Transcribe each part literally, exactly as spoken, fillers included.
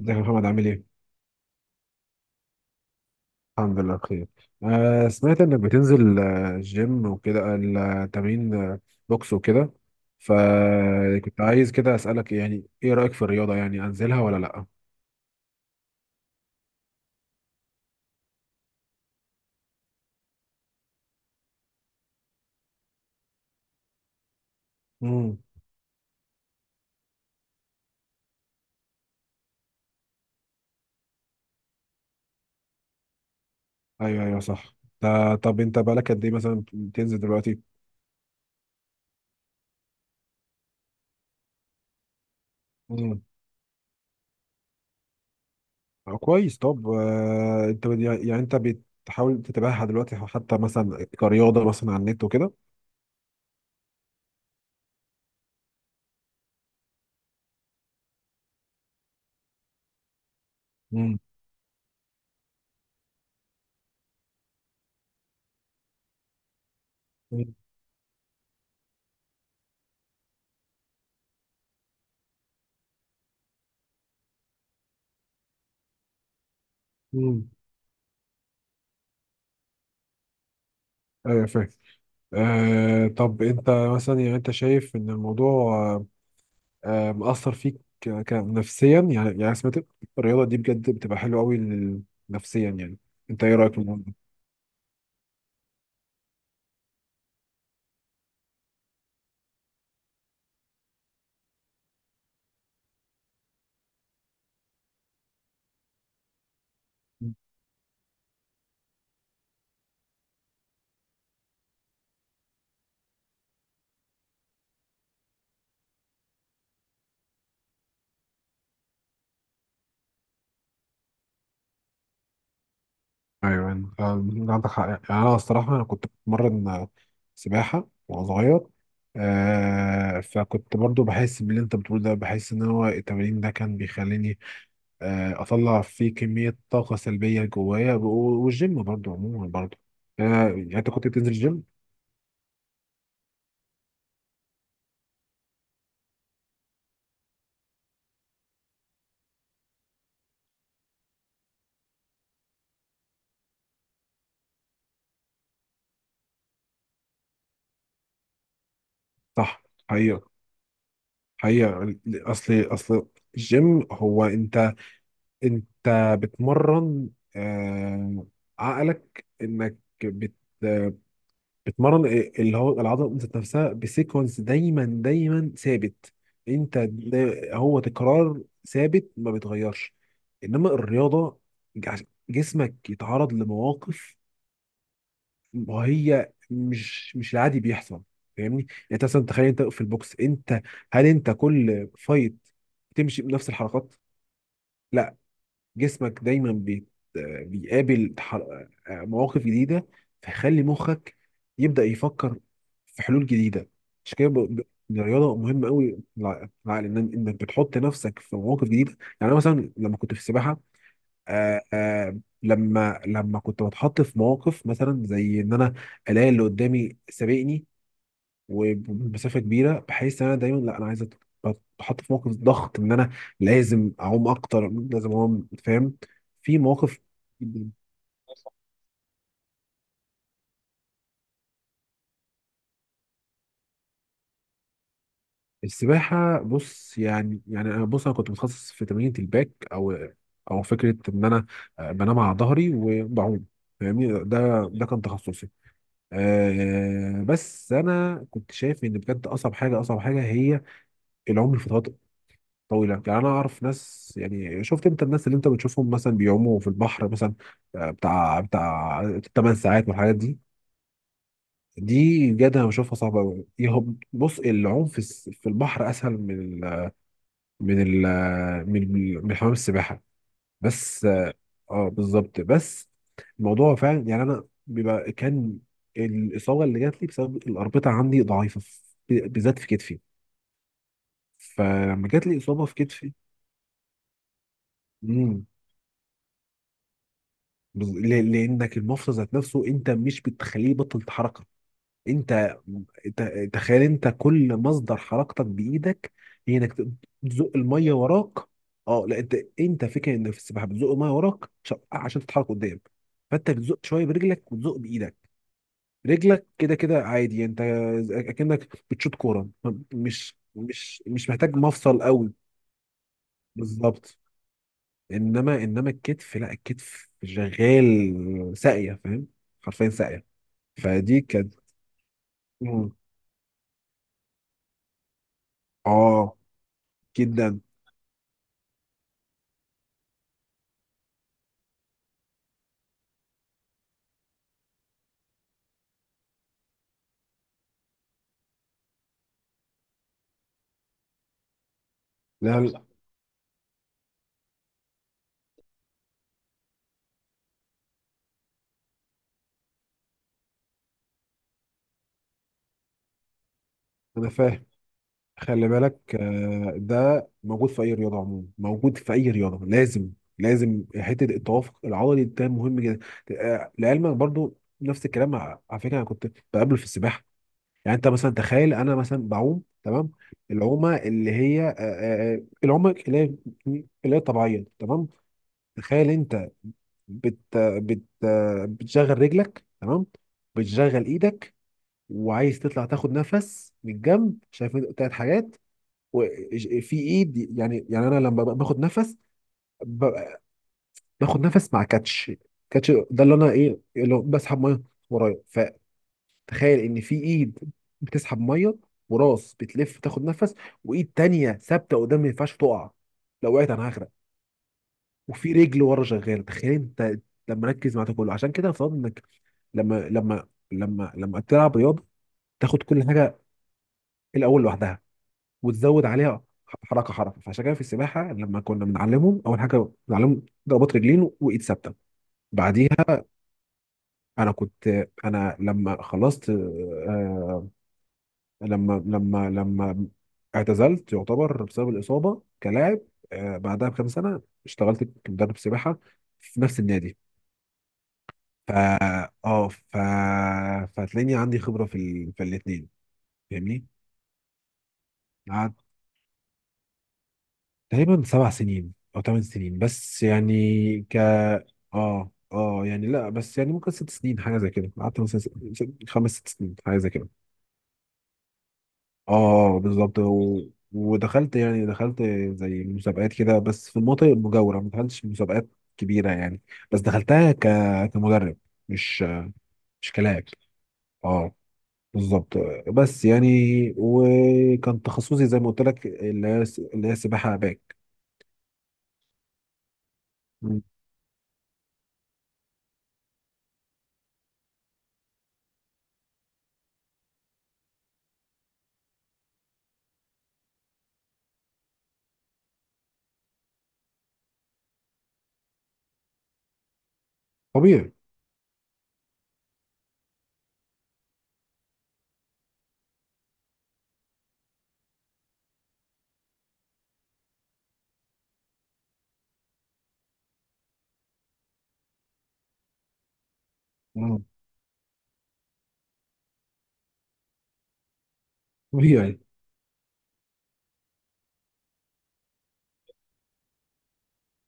ازيك يا محمد عامل ايه؟ الحمد لله بخير. آه سمعت انك بتنزل، آه، جيم وكده، التمرين، آه، بوكس وكده، فكنت عايز كده اسألك، يعني ايه رأيك في الرياضة؟ يعني انزلها ولا لأ؟ امم ايوه ايوه صح. تا- طب انت بقالك قد ايه مثلا بتنزل دلوقتي؟ امم آه، كويس. طب آه انت بت- يعني انت بتحاول تتابعها دلوقتي حتى مثلا كرياضة مثلا على النت وكده؟ امم امم ايوه، فاهم. آه طب انت مثلا، يعني انت شايف ان الموضوع آه آه، مأثر فيك ك- ك- نفسيا، يعني يعني سمعت الرياضة دي بجد بتبقى حلوة قوي لل- نفسيا يعني، انت ايه رأيك في الموضوع ده؟ ايوه، انت عندك حق. يعني انا الصراحة، انا كنت بتمرن سباحة وانا صغير، آه فكنت برضو بحس باللي انت بتقوله ده، بحس ان هو التمرين ده كان بيخليني آه اطلع فيه كمية طاقة سلبية جوايا، و- والجيم برضو عموما برضو. آه يعني انت كنت بتنزل الجيم؟ صح. حقيقة، حقيقة. أصل أصل الجيم، هو أنت، أنت بتمرن آه، عقلك. إنك بت بتمرن إيه، اللي هو العضلة ذات نفسها بسيكونس دايما دايما ثابت. أنت دا- هو تكرار ثابت ما بيتغيرش. إنما الرياضة، جع- جسمك يتعرض لمواقف، وهي مش مش العادي بيحصل. فاهمني؟ يعني انت مثلا تخيل، انت في البوكس، انت هل انت كل فايت بتمشي بنفس الحركات؟ لا، جسمك دايما بيت بيقابل حر- مواقف جديدة، فيخلي مخك يبدأ يفكر في حلول جديدة. عشان كده ب- ب- الرياضة مهمة قوي للعقل، ان انك بتحط نفسك في مواقف جديدة. يعني انا مثلا لما كنت في السباحة، آه آه لما لما كنت بتحط في مواقف مثلا زي ان انا الاقي اللي قدامي سابقني وبمسافه كبيره، بحيث ان انا دايما، لا انا عايز أت- بتحط في موقف ضغط، ان انا لازم اعوم اكتر، لازم اعوم. فاهم؟ في مواقف جداً. السباحه، بص يعني، يعني انا بص انا كنت متخصص في تمرينة الباك، او او فكره ان انا آه، بنام على ظهري وبعوم. فاهمني؟ ده ده كان تخصصي. آه بس انا كنت شايف ان بجد اصعب حاجه، اصعب حاجه هي العوم لفترات طويله. يعني انا اعرف ناس، يعني شفت انت الناس اللي انت بتشوفهم مثلا بيعوموا في البحر مثلا، آه، بتاع بتاع ثمان ساعات والحاجات دي. دي بجد انا بشوفها صعبه قوي. بص العوم في الس- في البحر اسهل من ال من ال من من حمام السباحه، بس اه، آه، بالظبط. بس الموضوع فعلا، يعني انا بيبقى كان الاصابه اللي جات لي بسبب الاربطه عندي ضعيفه في-، بالذات في كتفي. فلما جات لي اصابه في كتفي. امم بز- ل- لانك المفصل ذات نفسه انت مش بتخليه يبطل حركه. انت ت- تخيل انت كل مصدر حركتك بايدك، هي انك ت- تزق الميه وراك. اه لا، انت انت فكره ان في السباحه بتزق الميه وراك عشان عشان تتحرك قدام. فانت بتزق شويه برجلك وتزق بايدك. رجلك كده كده عادي يعني، انت اكنك بتشوط كوره، مش مش مش محتاج مفصل قوي. بالظبط، انما انما الكتف لا، الكتف شغال ساقيه. فاهم؟ حرفيا ساقيه. فدي كانت. مم. اه، جدا. لا، لا، انا فاهم. خلي بالك آه، ده موجود في اي رياضه عموما، موجود في اي رياضه، لازم لازم حته التوافق العضلي ده مهم جدا. آه، لعلمك برضو نفس الكلام، على على فكره انا كنت بقابله في السباحه. يعني انت مثلا تخيل، انا مثلا بعوم تمام، العومه اللي هي آه، آه، آه، العومه اللي هي اللي هي طبيعيه تمام. تخيل انت بت بت بتشغل رجلك تمام، بتشغل ايدك، وعايز تطلع تاخد نفس من الجنب. شايف انت تلات حاجات؟ وفي ايد، يعني يعني انا لما ب- باخد نفس ب- باخد نفس مع كاتش. كاتش ده اللي انا ايه اللي هو بسحب ميه ورايا. تخيل ان في ايد بتسحب ميه، وراس بتلف تاخد نفس، وايد تانية ثابته قدام ما ينفعش تقع. لو وقعت انا هغرق. وفي رجل ورا شغاله، تخيل انت لما ركز مع ده كله. عشان كده افترض انك لما لما لما لما تلعب رياضه تاخد كل حاجه الاول لوحدها، وتزود عليها حركه حركه. فعشان كده في السباحه لما كنا بنعلمهم، اول حاجه بنعلمهم ضربات رجلين وايد ثابته، بعديها. انا كنت، انا لما خلصت، آه، لما لما لما اعتزلت يعتبر بسبب الإصابة كلاعب، آه، بعدها بكام سنة اشتغلت كمدرب سباحة في نفس النادي. ف اه ف فهتلاقيني عندي خبرة في ال... في الاتنين. فاهمني؟ قعدت تقريبا سبع سنين أو ثمان سنين بس يعني. ك اه اه يعني لا، بس يعني ممكن ست سنين حاجة زي كده، قعدت مثلا ست- خمس ست سنين حاجة زي كده. اه بالظبط و... ودخلت يعني دخلت زي مسابقات كده، بس في المناطق المجاورة، ما دخلتش مسابقات كبيرة يعني. بس دخلتها ك... كمدرب، مش مش كلاعب. اه، بالظبط. بس يعني وكان تخصصي زي ما قلت لك، اللي هي اللي هي سباحة باك. مم. طبيعي. مم. طبيعي.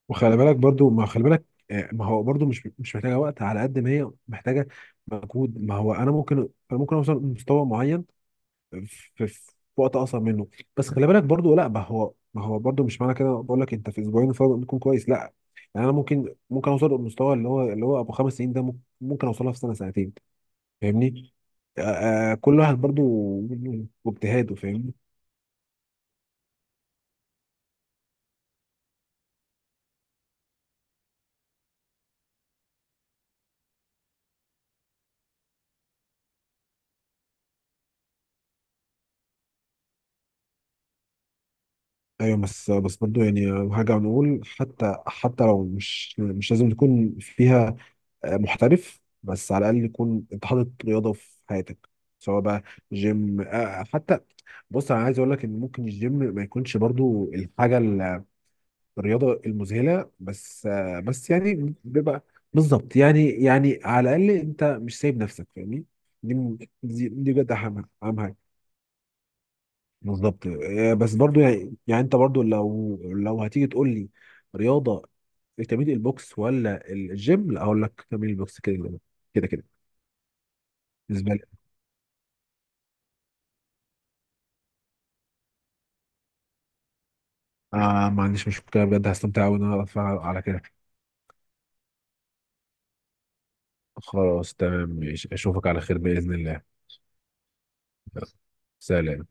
وخلي بالك برضو، ما خلي بالك، آه، ما هو برضو مش مش محتاجة وقت على قد ما هي محتاجة مجهود. ما هو انا ممكن، انا ممكن اوصل لمستوى معين في, في وقت اقصر منه. بس خلي بالك برضو لا، ما هو ما هو برضو مش معنى كده بقول لك انت في اسبوعين الفرق بيكون كويس، لا. يعني انا ممكن ممكن اوصل للمستوى اللي هو اللي هو ابو خمس سنين ده، ممكن ممكن اوصلها في سنه سنتين. فاهمني؟ آه، آه، كل واحد برضو واجتهاده. فاهمني؟ ايوه. بس، بس برضو يعني هرجع نقول، حتى حتى لو مش مش لازم تكون فيها آه، محترف، بس على الاقل يكون انت حاطط رياضه في حياتك. سواء بقى جيم، آه، حتى. بص انا عايز اقول لك ان ممكن الجيم ما يكونش برضو الحاجه ال- الرياضه المذهله، بس آه، بس يعني بيبقى. بالظبط، يعني يعني على الاقل انت مش سايب نفسك، فاهمني؟ دي دي دي بجد اهم اهم حاجه. بالظبط، آه، بس برضو يعني يعني انت برضو لو لو هتيجي تقول لي رياضه تمرين البوكس ولا الجيم، لا اقول لك تمرين البوكس، كده كده كده كده. بالنسبه لي. آه ما عنديش مشكلة بجد، هستمتع أوي إن أنا أتفرج على كده. خلاص تمام ماشي، أشوفك على خير بإذن الله. سلام.